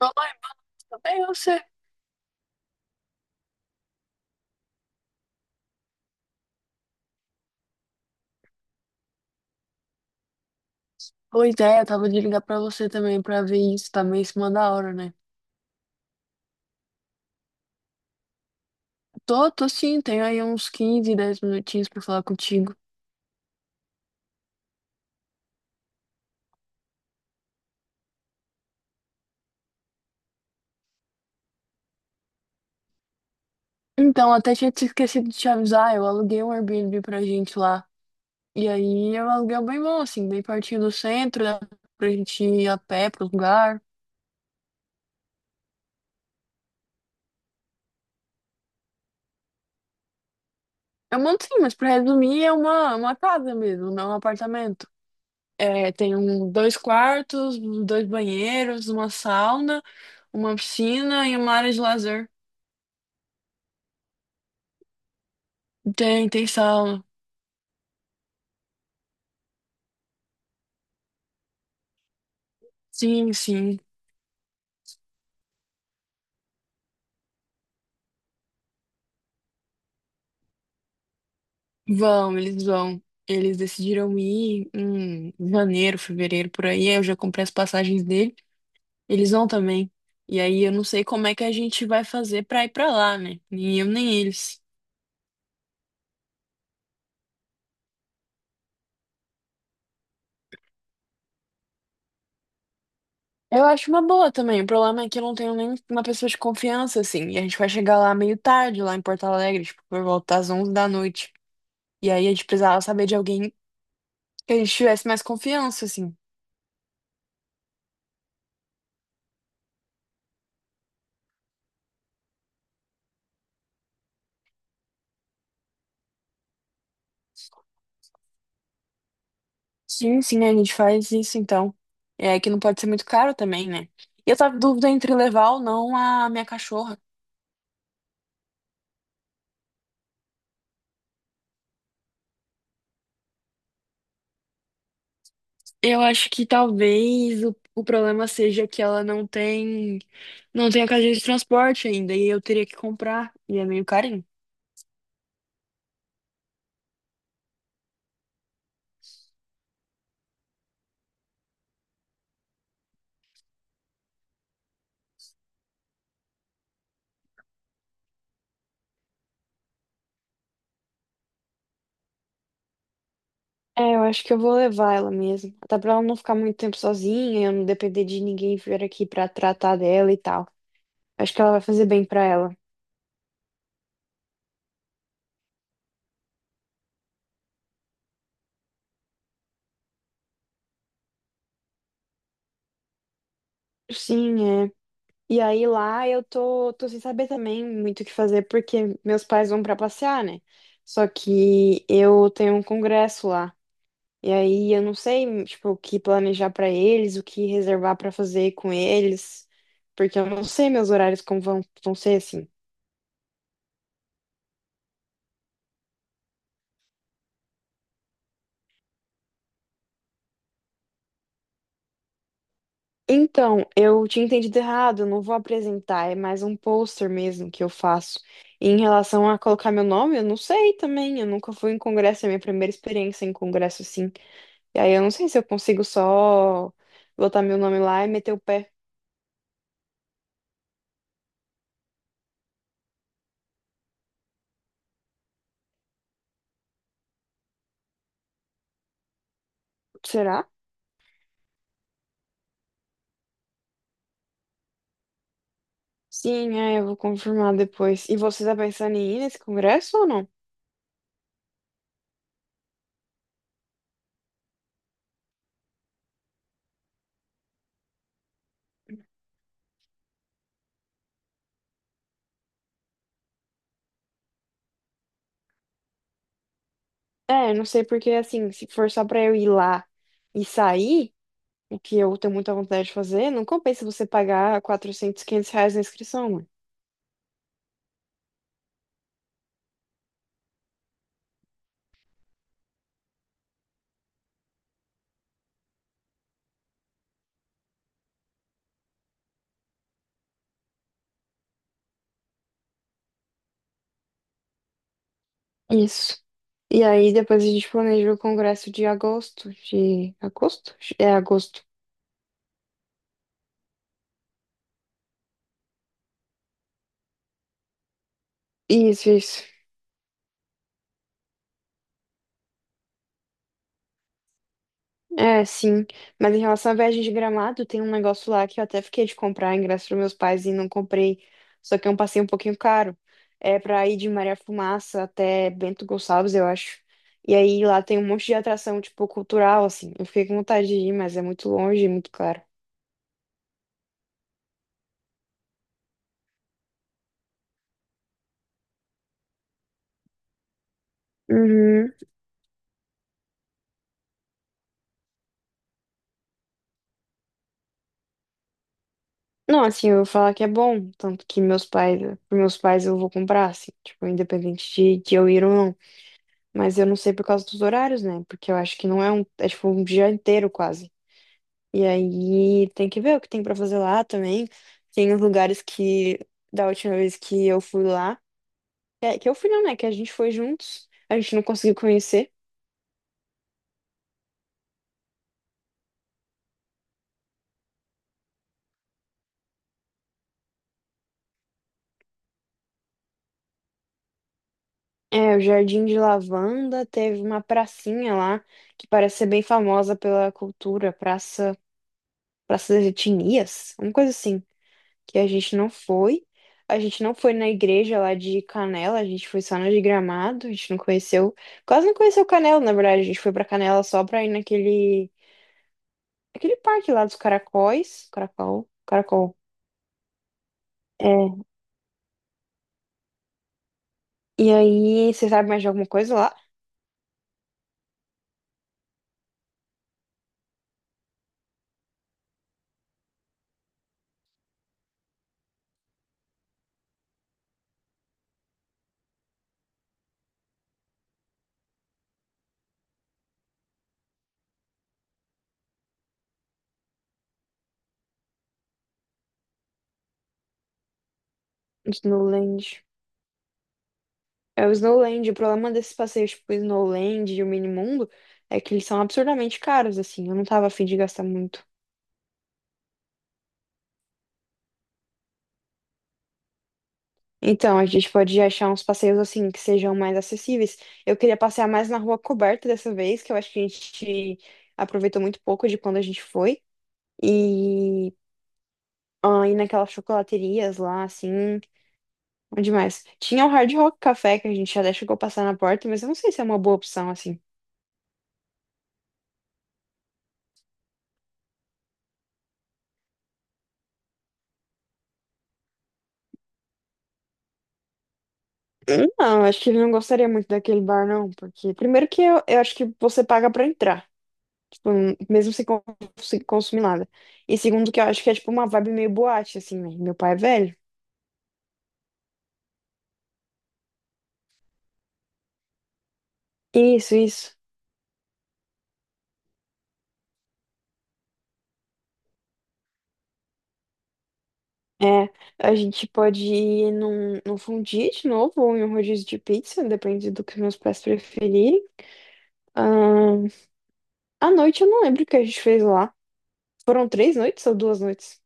Olá, tudo bem e você? Boa ideia, tava de ligar pra você também pra ver isso, tá meio em cima da hora, né? Tô sim, tenho aí uns 15, 10 minutinhos pra falar contigo. Então, até tinha te esquecido de te avisar, eu aluguei um Airbnb pra gente lá. E aí eu aluguei um aluguel bem bom, assim, bem pertinho do centro, dá pra gente ir a pé pro lugar. É um monte sim, mas pra resumir, é uma casa mesmo, não é um apartamento. É, tem um, dois quartos, dois banheiros, uma sauna, uma piscina e uma área de lazer. Tem sala. Sim, sim. Vão. Eles decidiram ir em janeiro, fevereiro, por aí. Aí eu já comprei as passagens dele. Eles vão também. E aí eu não sei como é que a gente vai fazer pra ir pra lá, né? Nem eu, nem eles. Eu acho uma boa também. O problema é que eu não tenho nem uma pessoa de confiança, assim. E a gente vai chegar lá meio tarde, lá em Porto Alegre, tipo, por volta das 11 da noite. E aí a gente precisava saber de alguém que a gente tivesse mais confiança, assim. Sim, sim, a gente faz isso então. É que não pode ser muito caro também, né? E eu tava em dúvida entre levar ou não a minha cachorra. Eu acho que talvez o problema seja que ela não tem a cadeia de transporte ainda, e eu teria que comprar, e é meio carinho. É, eu acho que eu vou levar ela mesmo. Até pra ela não ficar muito tempo sozinha, eu não depender de ninguém vir aqui pra tratar dela e tal. Acho que ela vai fazer bem pra ela. Sim, é. E aí lá eu tô sem saber também muito o que fazer, porque meus pais vão pra passear, né? Só que eu tenho um congresso lá. E aí eu não sei, tipo, o que planejar pra eles, o que reservar pra fazer com eles, porque eu não sei meus horários como vão ser assim. Então, eu tinha entendido errado, eu não vou apresentar, é mais um pôster mesmo que eu faço. E em relação a colocar meu nome, eu não sei também, eu nunca fui em congresso, é a minha primeira experiência em congresso assim. E aí eu não sei se eu consigo só botar meu nome lá e meter o pé. Será? Sim, é, eu vou confirmar depois. E você tá pensando em ir nesse congresso ou não? É, eu não sei porque, assim, se for só pra eu ir lá e sair, o que eu tenho muita vontade de fazer, não compensa você pagar R$ 400, R$ 500 na inscrição, mano. Isso. E aí depois a gente planeja o congresso de agosto, de agosto? É agosto. Isso, isso. É, sim. Mas em relação à viagem de Gramado, tem um negócio lá que eu até fiquei de comprar ingresso para meus pais e não comprei. Só que é um passeio um pouquinho caro. É para ir de Maria Fumaça até Bento Gonçalves, eu acho. E aí lá tem um monte de atração, tipo, cultural, assim. Eu fiquei com vontade de ir, mas é muito longe e muito caro. Uhum. Não, assim, eu vou falar que é bom, tanto que meus pais, para meus pais eu vou comprar, assim, tipo, independente de eu ir ou não. Mas eu não sei por causa dos horários, né? Porque eu acho que não é um, é tipo um dia inteiro quase. E aí tem que ver o que tem pra fazer lá também. Tem os lugares que da última vez que eu fui lá, é, que eu fui não, né? Que a gente foi juntos, a gente não conseguiu conhecer. É, o Jardim de Lavanda, teve uma pracinha lá que parece ser bem famosa pela cultura, praça, praça das etnias, uma coisa assim, que a gente não foi. A gente não foi na igreja lá de Canela, a gente foi só na de Gramado, a gente não conheceu, quase não conheceu Canela, na verdade, a gente foi pra Canela só pra ir naquele Aquele parque lá dos caracóis. Caracol. Caracol. É. E aí, você sabe mais de alguma coisa lá? Snowland. É o Snowland. O problema desses passeios, tipo, o Snowland e o Minimundo, é que eles são absurdamente caros, assim. Eu não tava afim de gastar muito. Então, a gente pode achar uns passeios, assim, que sejam mais acessíveis. Eu queria passear mais na rua coberta dessa vez, que eu acho que a gente aproveitou muito pouco de quando a gente foi. E ah, ir naquelas chocolaterias lá, assim. Bom demais. Tinha o Hard Rock Café que a gente já chegou a passar na porta, mas eu não sei se é uma boa opção, assim. Não, acho que ele não gostaria muito daquele bar, não, porque primeiro que eu acho que você paga pra entrar, tipo, mesmo sem consumir nada. E segundo que eu acho que é tipo uma vibe meio boate, assim, né? Meu pai é velho. Isso, isso. É, a gente pode ir num fondue de novo ou em um rodízio de pizza, depende do que meus pais preferirem. Ahn, À noite eu não lembro o que a gente fez lá. Foram 3 noites ou 2 noites?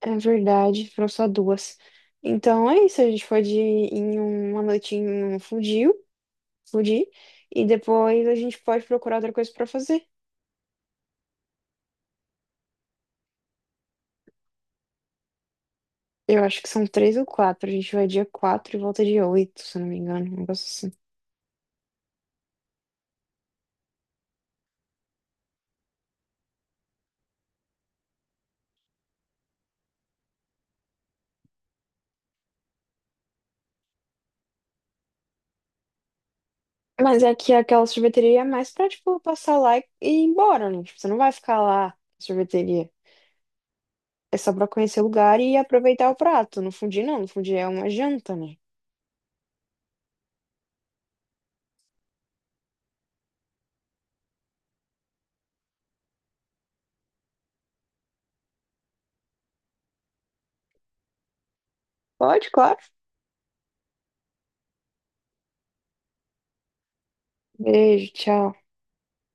É verdade, foram só duas. Então é isso, a gente pode ir em uma noite em um fundir, e depois a gente pode procurar outra coisa pra fazer. Eu acho que são três ou quatro, a gente vai dia 4 e volta dia 8, se eu não me engano, um negócio assim. Mas é que aquela sorveteria é mais pra, tipo, passar lá e ir embora, né? Tipo, você não vai ficar lá na sorveteria. É só pra conhecer o lugar e aproveitar o prato. No fundir não, no fundir é uma janta, né? Pode, claro. Beijo, tchau.